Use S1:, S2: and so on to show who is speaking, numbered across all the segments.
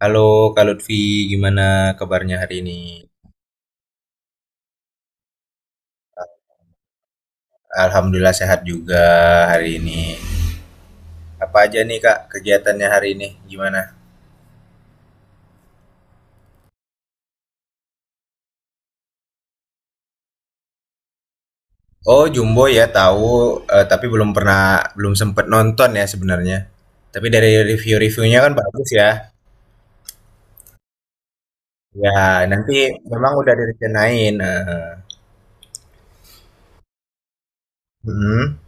S1: Halo Kak Lutfi, gimana kabarnya hari ini? Alhamdulillah sehat juga hari ini. Apa aja nih Kak kegiatannya hari ini? Gimana? Oh Jumbo ya tahu, tapi belum pernah, belum sempet nonton ya sebenarnya. Tapi dari review-reviewnya kan bagus ya. Ya nanti memang udah direncanain. Eh. Mm-mm.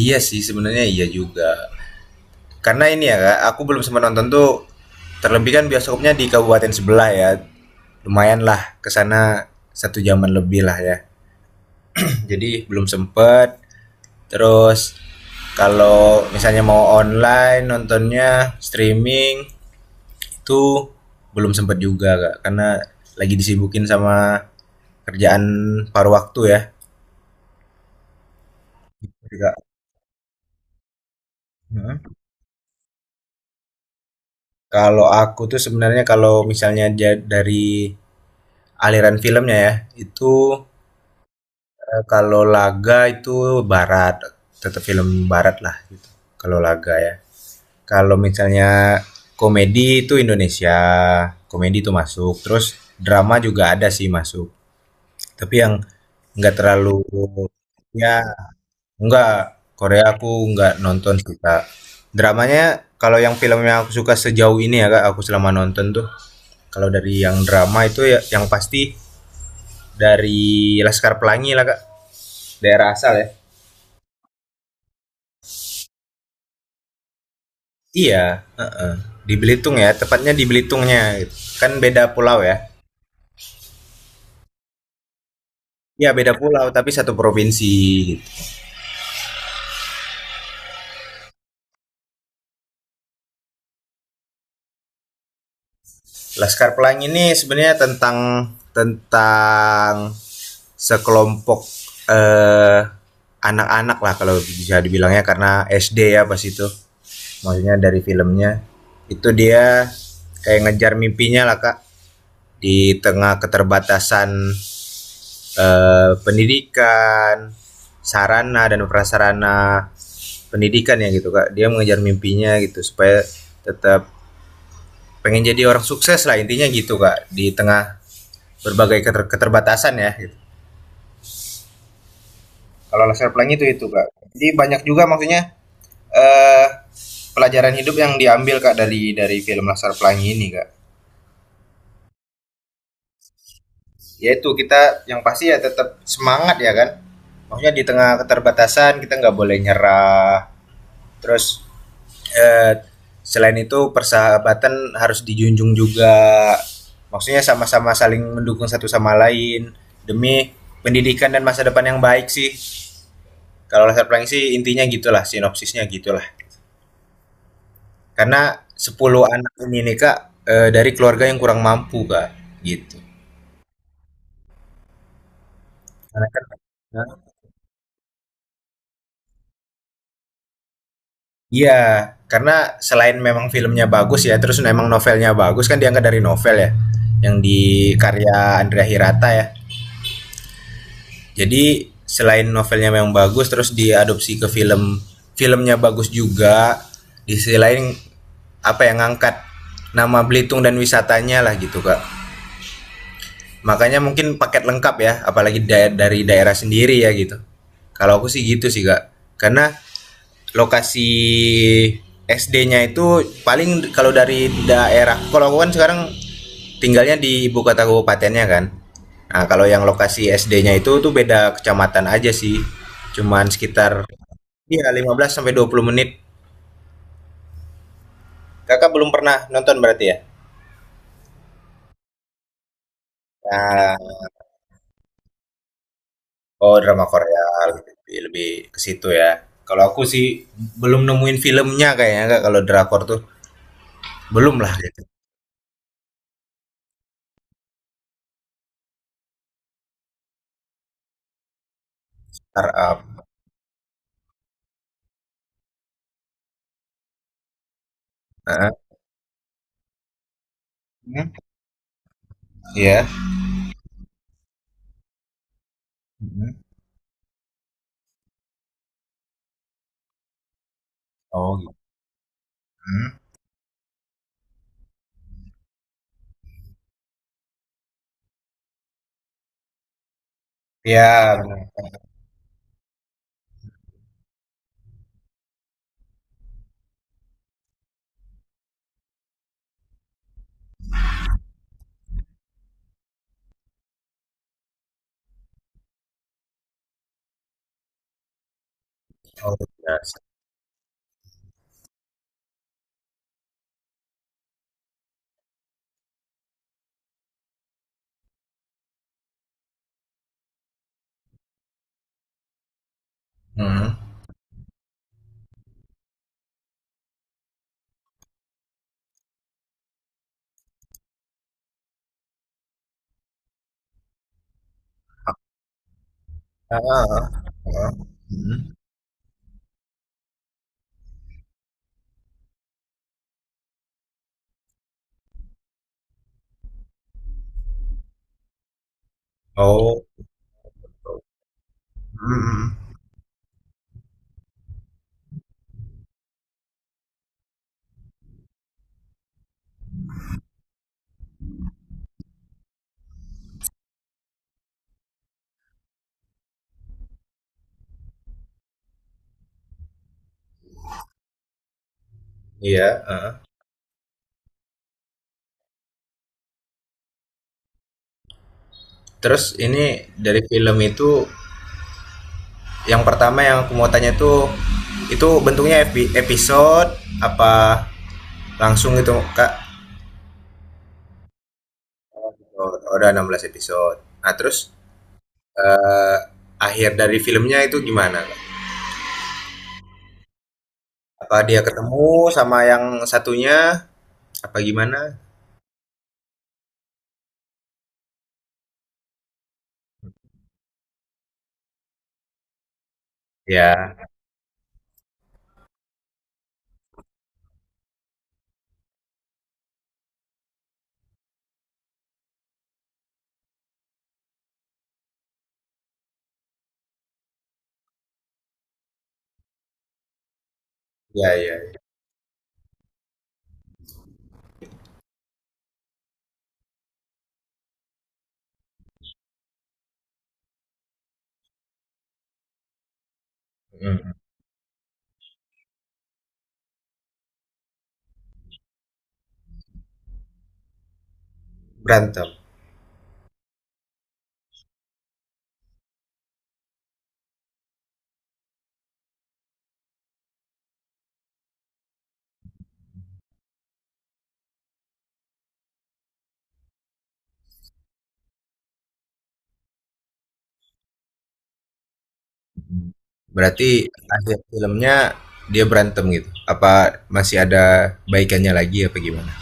S1: Iya sih sebenarnya iya juga. Karena ini ya Kak, aku belum sempat nonton tuh. Terlebih kan bioskopnya di kabupaten sebelah ya. Lumayan lah kesana satu jaman lebih lah ya. Jadi belum sempet. Terus kalau misalnya mau online nontonnya streaming itu belum sempet juga Kak karena lagi disibukin sama kerjaan paruh waktu ya. Juga. Heeh. Kalau aku tuh sebenarnya kalau misalnya dari aliran filmnya ya, itu. Kalau laga itu barat, tetap film baratlah gitu, kalau laga ya. Kalau misalnya komedi itu Indonesia, komedi itu masuk, terus drama juga ada sih masuk, tapi yang nggak terlalu. Ya nggak, Korea aku nggak nonton sih, Kak. Dramanya kalau yang film yang aku suka sejauh ini ya, Kak, aku selama nonton tuh, kalau dari yang drama itu ya yang pasti dari Laskar Pelangi lah Kak, daerah asal ya. Iya, heeh. Di Belitung ya, tepatnya di Belitungnya gitu. Kan beda pulau ya. Iya, beda pulau tapi satu provinsi gitu. Laskar Pelangi ini sebenarnya tentang tentang sekelompok eh anak-anak lah kalau bisa dibilangnya karena SD ya pas itu. Maksudnya dari filmnya itu dia kayak ngejar mimpinya lah Kak di tengah keterbatasan pendidikan, sarana dan prasarana pendidikan ya gitu Kak. Dia mengejar mimpinya gitu supaya tetap pengen jadi orang sukses lah intinya gitu Kak di tengah berbagai keterbatasan ya. Gitu. Kalau laser pelangi itu Kak. Jadi banyak juga maksudnya eh, pelajaran hidup yang diambil Kak dari film laser pelangi ini Kak. Yaitu kita yang pasti ya tetap semangat ya kan maksudnya di tengah keterbatasan kita nggak boleh nyerah terus eh, selain itu persahabatan harus dijunjung juga. Maksudnya sama-sama saling mendukung satu sama lain demi pendidikan dan masa depan yang baik sih. Kalau latar pelangi sih intinya gitulah, sinopsisnya gitulah. Karena 10 anak ini nih Kak, dari keluarga yang kurang mampu Kak, gitu. Karena kan. Iya, karena selain memang filmnya bagus ya, terus memang novelnya bagus kan diangkat dari novel ya, yang di karya Andrea Hirata ya. Jadi selain novelnya memang bagus terus diadopsi ke film, filmnya bagus juga. Di sisi lain apa yang ngangkat nama Belitung dan wisatanya lah gitu Kak. Makanya mungkin paket lengkap ya, apalagi dari daerah sendiri ya gitu. Kalau aku sih gitu sih Kak, karena lokasi SD-nya itu paling kalau dari daerah kalau aku kan sekarang tinggalnya di ibu kota kabupatennya kan. Nah, kalau yang lokasi SD-nya itu tuh beda kecamatan aja sih, cuman sekitar ya 15 sampai 20 menit. Kakak belum pernah nonton berarti ya. Nah. Oh, drama Korea. Lebih ke situ ya. Kalau aku sih belum nemuin filmnya kayaknya Kak, kalau drakor tuh belum lah gitu. Startup. Heeh. Hmm. Iya. Hmm. Oh. Hmm. Ya, benar. Oh, jelas. Hmm. Ah, ah, ah. Hmm. Oh. Hmm. Iya. Ah. Terus ini dari film itu yang pertama yang aku mau tanya itu, bentuknya episode apa langsung gitu Kak? Oh, udah 16 episode. Nah, terus eh, akhir dari filmnya itu gimana, Kak? Apa dia ketemu sama yang satunya apa gimana? Ya, ya, ya. Hmm. Berantem. Berarti akhir filmnya dia berantem gitu? Apa masih ada baikannya lagi apa gimana?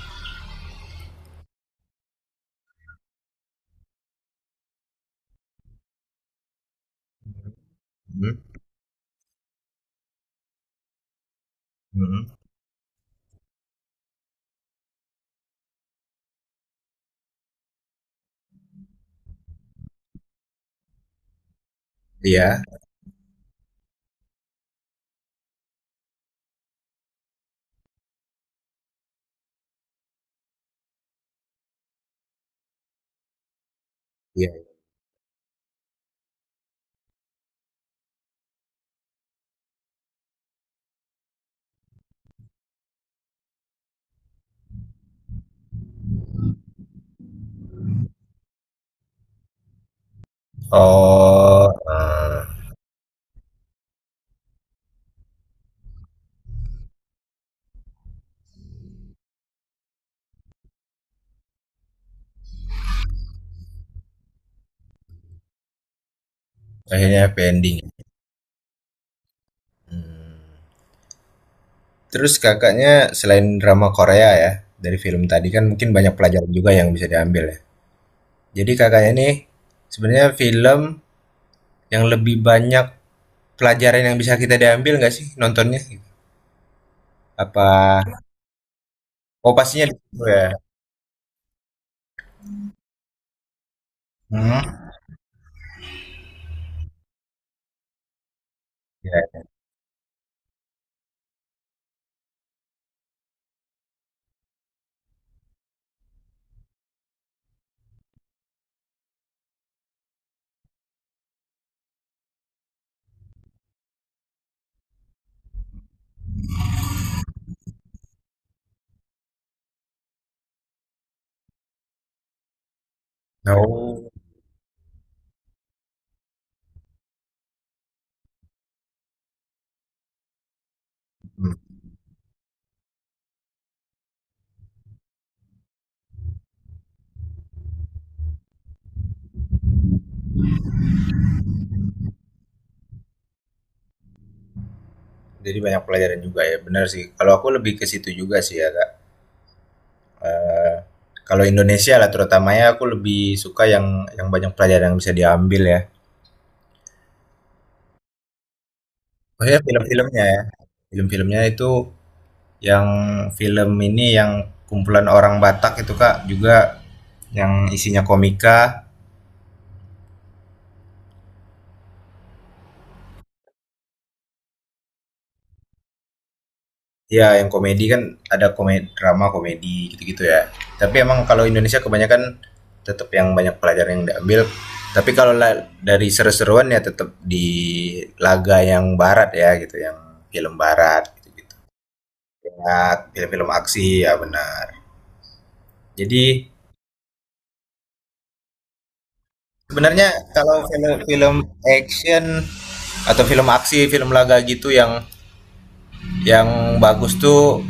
S1: Mhm, mhm. Iya, iya. Oh, eee, akhirnya happy ending. Mmm, Terus Kakaknya selain drama Korea ya, dari film tadi kan mungkin banyak pelajaran juga yang bisa diambil ya. Jadi Kakaknya nih, sebenarnya film yang lebih banyak pelajaran yang bisa kita diambil nggak sih nontonnya gitu? Apa? Oh, pastinya di situ ya? Mhm, iya. Oh, mhm, jadi banyak pelajaran juga ya, benar sih. Kalau aku lebih ke situ juga sih ya, Kak, eee, kalau Indonesia lah terutamanya aku lebih suka yang banyak pelajaran yang bisa diambil ya. Oh ya, film-filmnya itu yang film ini yang kumpulan orang Batak itu, Kak, juga yang isinya komika. Ya, yang komedi kan ada komedi drama, komedi, gitu-gitu ya. Tapi emang kalau Indonesia kebanyakan tetap yang banyak pelajaran yang diambil. Tapi kalau dari seru-seruan ya tetap di laga yang barat ya gitu, yang film barat gitu-gitu. Ya, film-film aksi ya benar. Jadi sebenarnya kalau film-film action atau film aksi, film laga gitu yang Yang bagus tuh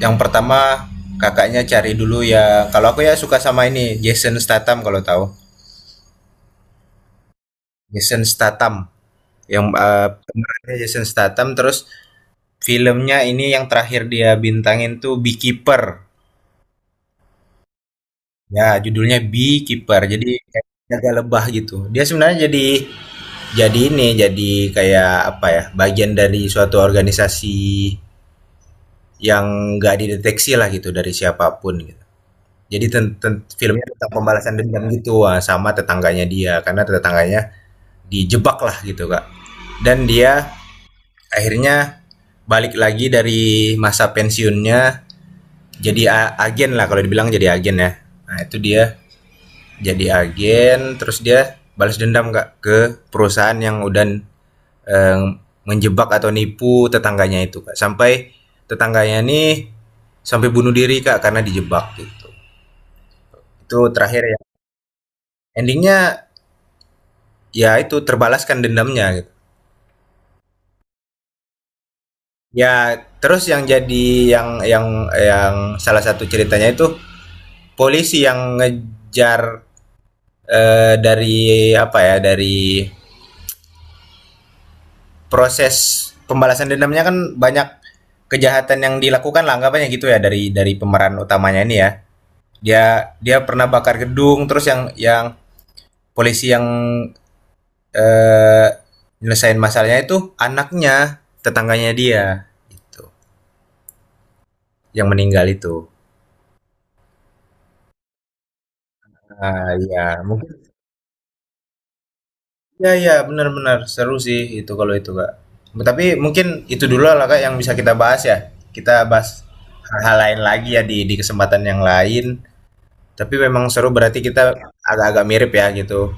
S1: yang pertama kakaknya cari dulu ya. Kalau aku ya suka sama ini Jason Statham kalau tahu. Jason Statham yang pemerannya Jason Statham terus filmnya ini yang terakhir dia bintangin tuh Beekeeper. Ya, judulnya Beekeeper. Jadi kayak jaga lebah gitu. Dia sebenarnya jadi ini jadi kayak apa ya? Bagian dari suatu organisasi yang nggak dideteksi lah gitu dari siapapun gitu. Jadi ten ten filmnya tentang pembalasan dendam gitu, wah, sama tetangganya dia karena tetangganya dijebak lah gitu, Kak. Dan dia akhirnya balik lagi dari masa pensiunnya jadi agen lah kalau dibilang jadi agen ya. Nah, itu dia jadi agen terus dia balas dendam Kak ke perusahaan yang udah eh, menjebak atau nipu tetangganya itu, Kak. Sampai tetangganya nih sampai bunuh diri Kak karena dijebak gitu. Itu terakhir ya. Endingnya ya itu terbalaskan dendamnya gitu. Ya terus yang jadi yang salah satu ceritanya itu polisi yang ngejar dari apa ya dari proses pembalasan dendamnya kan banyak kejahatan yang dilakukan lah anggapannya gitu ya dari pemeran utamanya ini ya. Dia Dia pernah bakar gedung terus yang polisi yang eh nyelesain masalahnya itu anaknya tetangganya dia gitu yang meninggal itu. Ah, iya, mungkin iya, iya, benar-benar seru sih itu kalau itu, Kak. Tapi mungkin itu dulu lah, Kak, yang bisa kita bahas ya. Kita bahas hal-hal lain lagi ya di kesempatan yang lain. Tapi memang seru berarti kita agak-agak mirip ya gitu.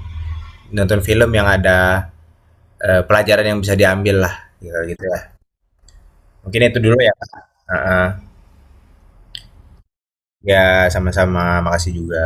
S1: Nonton film yang ada pelajaran yang bisa diambil lah gitu, gitu ya. Mungkin itu dulu ya, Kak. Ah, ah. Ya, sama-sama. Makasih juga.